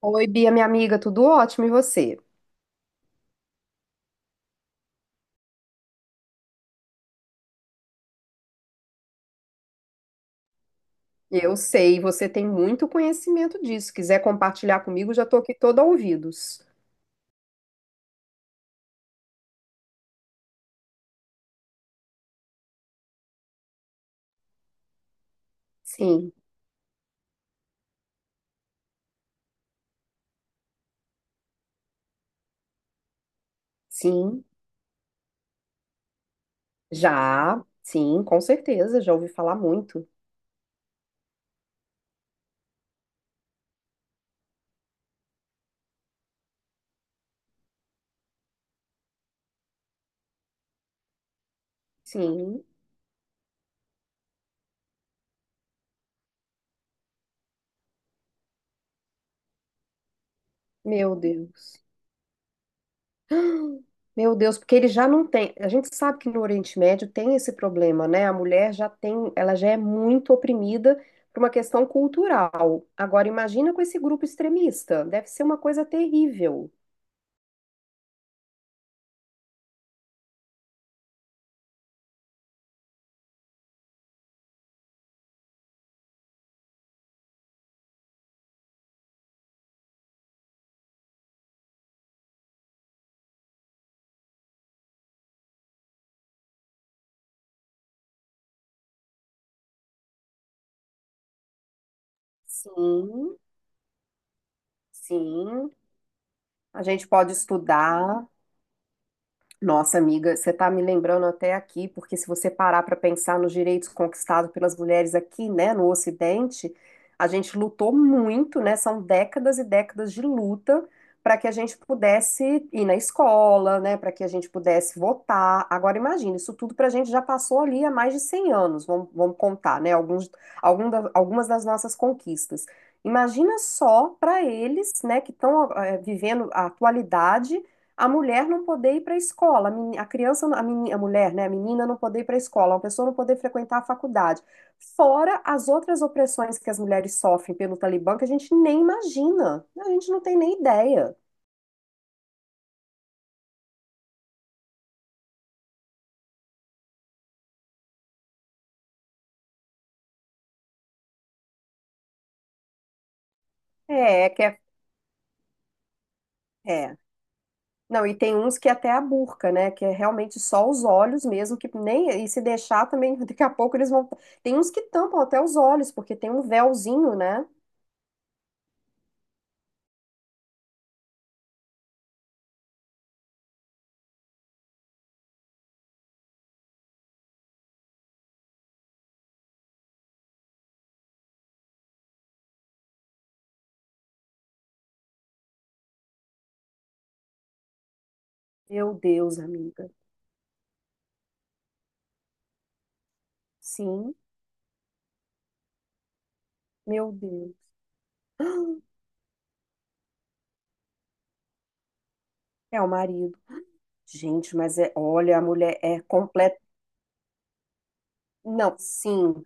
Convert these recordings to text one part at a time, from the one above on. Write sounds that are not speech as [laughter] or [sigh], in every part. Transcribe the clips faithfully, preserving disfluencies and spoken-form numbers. Oi, Bia, minha amiga, tudo ótimo, e você? Eu sei, você tem muito conhecimento disso. Se quiser compartilhar comigo, já estou aqui toda ouvidos. Sim, sim, já, sim, com certeza, já ouvi falar muito. Sim, meu Deus. Meu Deus, porque ele já não tem. A gente sabe que no Oriente Médio tem esse problema, né? A mulher já tem, ela já é muito oprimida por uma questão cultural. Agora, imagina com esse grupo extremista, deve ser uma coisa terrível. Sim, sim. A gente pode estudar. Nossa, amiga, você está me lembrando até aqui, porque se você parar para pensar nos direitos conquistados pelas mulheres aqui, né, no Ocidente, a gente lutou muito, né? São décadas e décadas de luta para que a gente pudesse ir na escola, né, para que a gente pudesse votar. Agora, imagina, isso tudo para a gente já passou ali há mais de cem anos, vamos, vamos contar, né, alguns, algum da- algumas das nossas conquistas. Imagina só para eles, né, que estão vivendo a atualidade a mulher não poder ir para a escola, a meni- a criança, a, meni- a mulher, né, a menina não poder ir para a escola, a pessoa não poder frequentar a faculdade, fora as outras opressões que as mulheres sofrem pelo Talibã que a gente nem imagina, a gente não tem nem ideia. É, que é, é. Não, e tem uns que até a burca, né, que é realmente só os olhos mesmo, que nem, e se deixar também, [laughs] daqui a pouco eles vão, tem uns que tampam até os olhos, porque tem um véuzinho, né? Meu Deus, amiga. Sim, meu Deus. [gasps] É o marido. Gente, mas é, olha, a mulher é completa. Não, sim,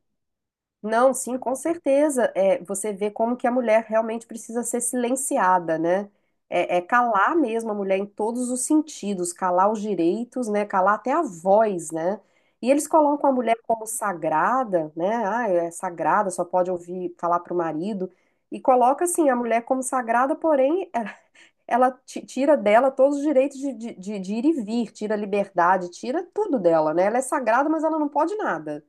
não, sim, com certeza. É, você vê como que a mulher realmente precisa ser silenciada, né? É, é calar mesmo a mulher em todos os sentidos, calar os direitos, né? Calar até a voz, né? E eles colocam a mulher como sagrada, né? Ah, é sagrada, só pode ouvir falar para o marido. E coloca assim a mulher como sagrada, porém, é, ela ti- tira dela todos os direitos de, de, de- de ir e vir, tira a liberdade, tira tudo dela, né? Ela é sagrada, mas ela não pode nada.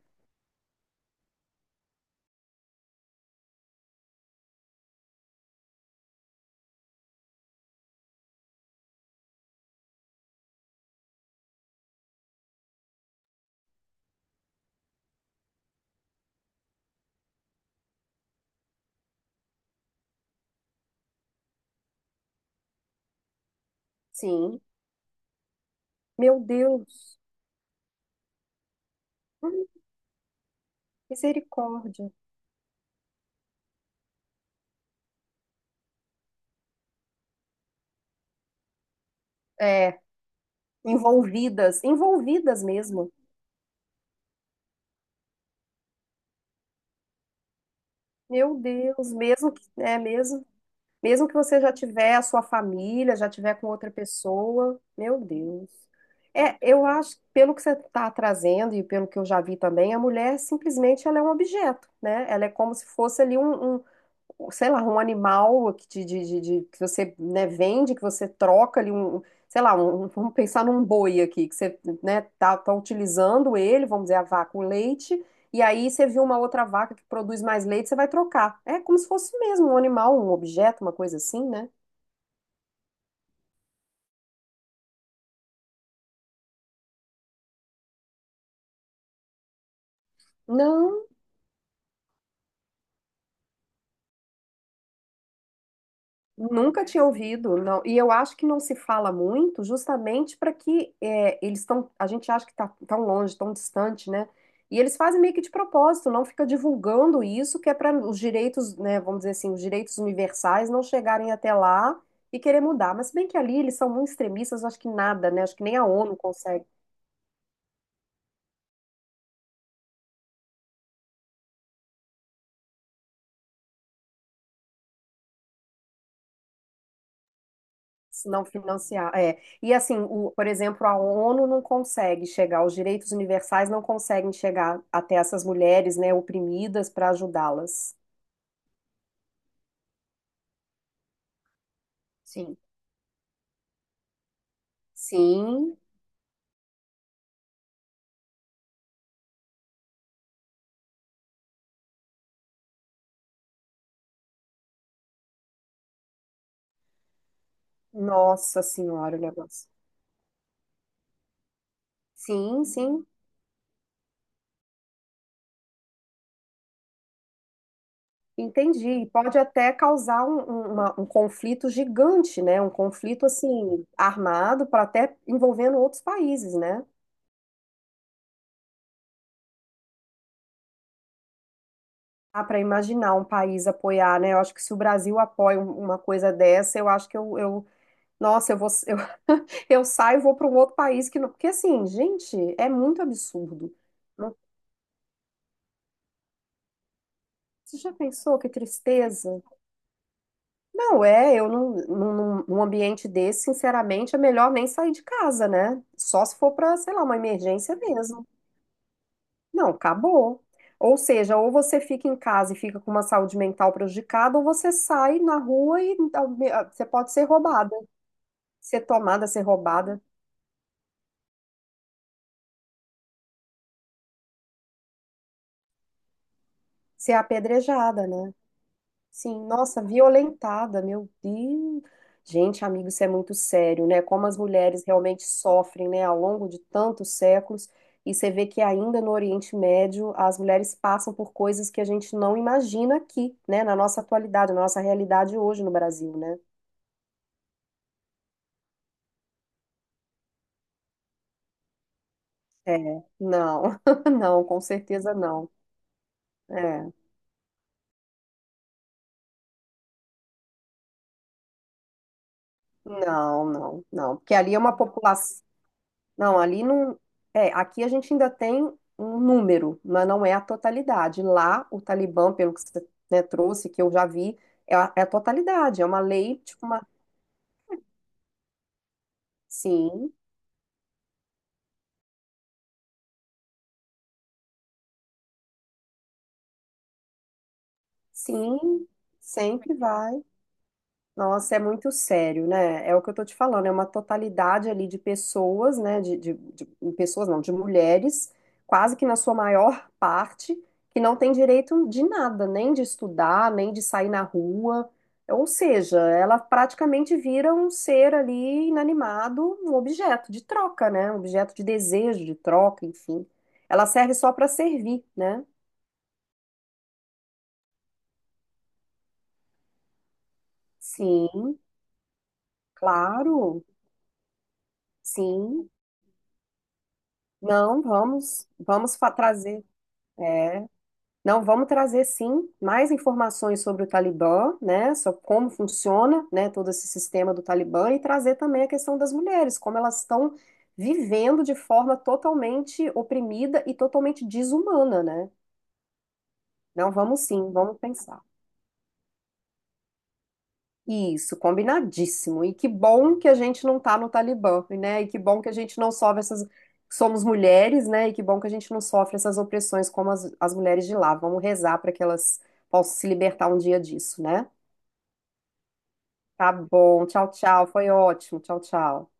Sim. Meu Deus. Hum, misericórdia. É, envolvidas, envolvidas mesmo. Meu Deus, mesmo que, é mesmo, mesmo que você já tiver a sua família, já tiver com outra pessoa, meu Deus. É, eu acho, pelo que você está trazendo e pelo que eu já vi também, a mulher simplesmente ela é um objeto, né? Ela é como se fosse ali um, um sei lá, um animal que, te- de, de, de- que você, né, vende, que você troca ali um, um, sei lá, um- um, vamos pensar num boi aqui, que você, né, tá, tá utilizando ele, vamos dizer, a vaca, o leite, e aí você viu uma outra vaca que produz mais leite, você vai trocar. É como se fosse mesmo um animal, um objeto, uma coisa assim, né? Não. Nunca tinha ouvido, não. E eu acho que não se fala muito, justamente para que é, eles estão. A gente acha que está tão longe, tão distante, né? E eles fazem meio que de propósito, não fica divulgando isso, que é para os direitos, né? Vamos dizer assim, os direitos universais não chegarem até lá e querer mudar. Mas se bem que ali eles são muito extremistas, acho que nada, né? Acho que nem a ONU consegue. Se não financiar, é. E assim, o, por exemplo, a ONU não consegue chegar, os direitos universais não conseguem chegar até essas mulheres, né, oprimidas para ajudá-las. Sim. Sim, nossa senhora, o negócio. Sim, sim, entendi. E pode até causar um, um- uma- um conflito gigante, né? Um conflito assim armado para até envolvendo outros países, né? Ah, para imaginar um país apoiar, né? Eu acho que se o Brasil apoia um- uma coisa dessa, eu acho que eu, eu Nossa, eu vou, eu, [laughs] eu saio e vou para um outro país que não. Porque assim, gente, é muito absurdo. Não- Você já pensou que tristeza? Não, é, eu não, num, num num ambiente desse, sinceramente, é melhor nem sair de casa, né? Só se for para, sei lá, uma emergência mesmo. Não, acabou. Ou seja, ou você fica em casa e fica com uma saúde mental prejudicada, ou você sai na rua e ah, você pode ser roubada, ser tomada, ser roubada, ser apedrejada, né? Sim, nossa, violentada, meu Deus. Gente, amigo, isso é muito sério, né? Como as mulheres realmente sofrem, né, ao longo de tantos séculos. E você vê que ainda no Oriente Médio as mulheres passam por coisas que a gente não imagina aqui, né, na nossa atualidade, na nossa realidade hoje no Brasil, né? É, não, [laughs] não, com certeza não. É, não, não, não, porque ali é uma população. Não, ali não. É, aqui a gente ainda tem um número, mas não é a totalidade. Lá, o Talibã, pelo que você, né, trouxe, que eu já vi, é a, é a totalidade. É uma lei, tipo uma. Sim, sim, sempre vai. Nossa, é muito sério, né? É o que eu tô te falando, é uma totalidade ali de pessoas, né? De, de, de- pessoas não, de mulheres, quase que na sua maior parte, que não tem direito de nada, nem de estudar, nem de sair na rua. Ou seja, ela praticamente vira um ser ali inanimado, um objeto de troca, né? Um objeto de desejo, de troca, enfim. Ela serve só para servir, né? Sim, claro, sim. Não, vamos, vamos fa- trazer. É. Não, vamos trazer sim mais informações sobre o Talibã, né? Sobre como funciona, né, todo esse sistema do Talibã e trazer também a questão das mulheres, como elas estão vivendo de forma totalmente oprimida e totalmente desumana, né? Não, vamos sim, vamos pensar. Isso, combinadíssimo. E que bom que a gente não tá no Talibã, né? E que bom que a gente não sofre essas. Somos mulheres, né? E que bom que a gente não sofre essas opressões como as, as mulheres de lá. Vamos rezar para que elas possam se libertar um dia disso, né? Tá bom, tchau, tchau. Foi ótimo. Tchau, tchau.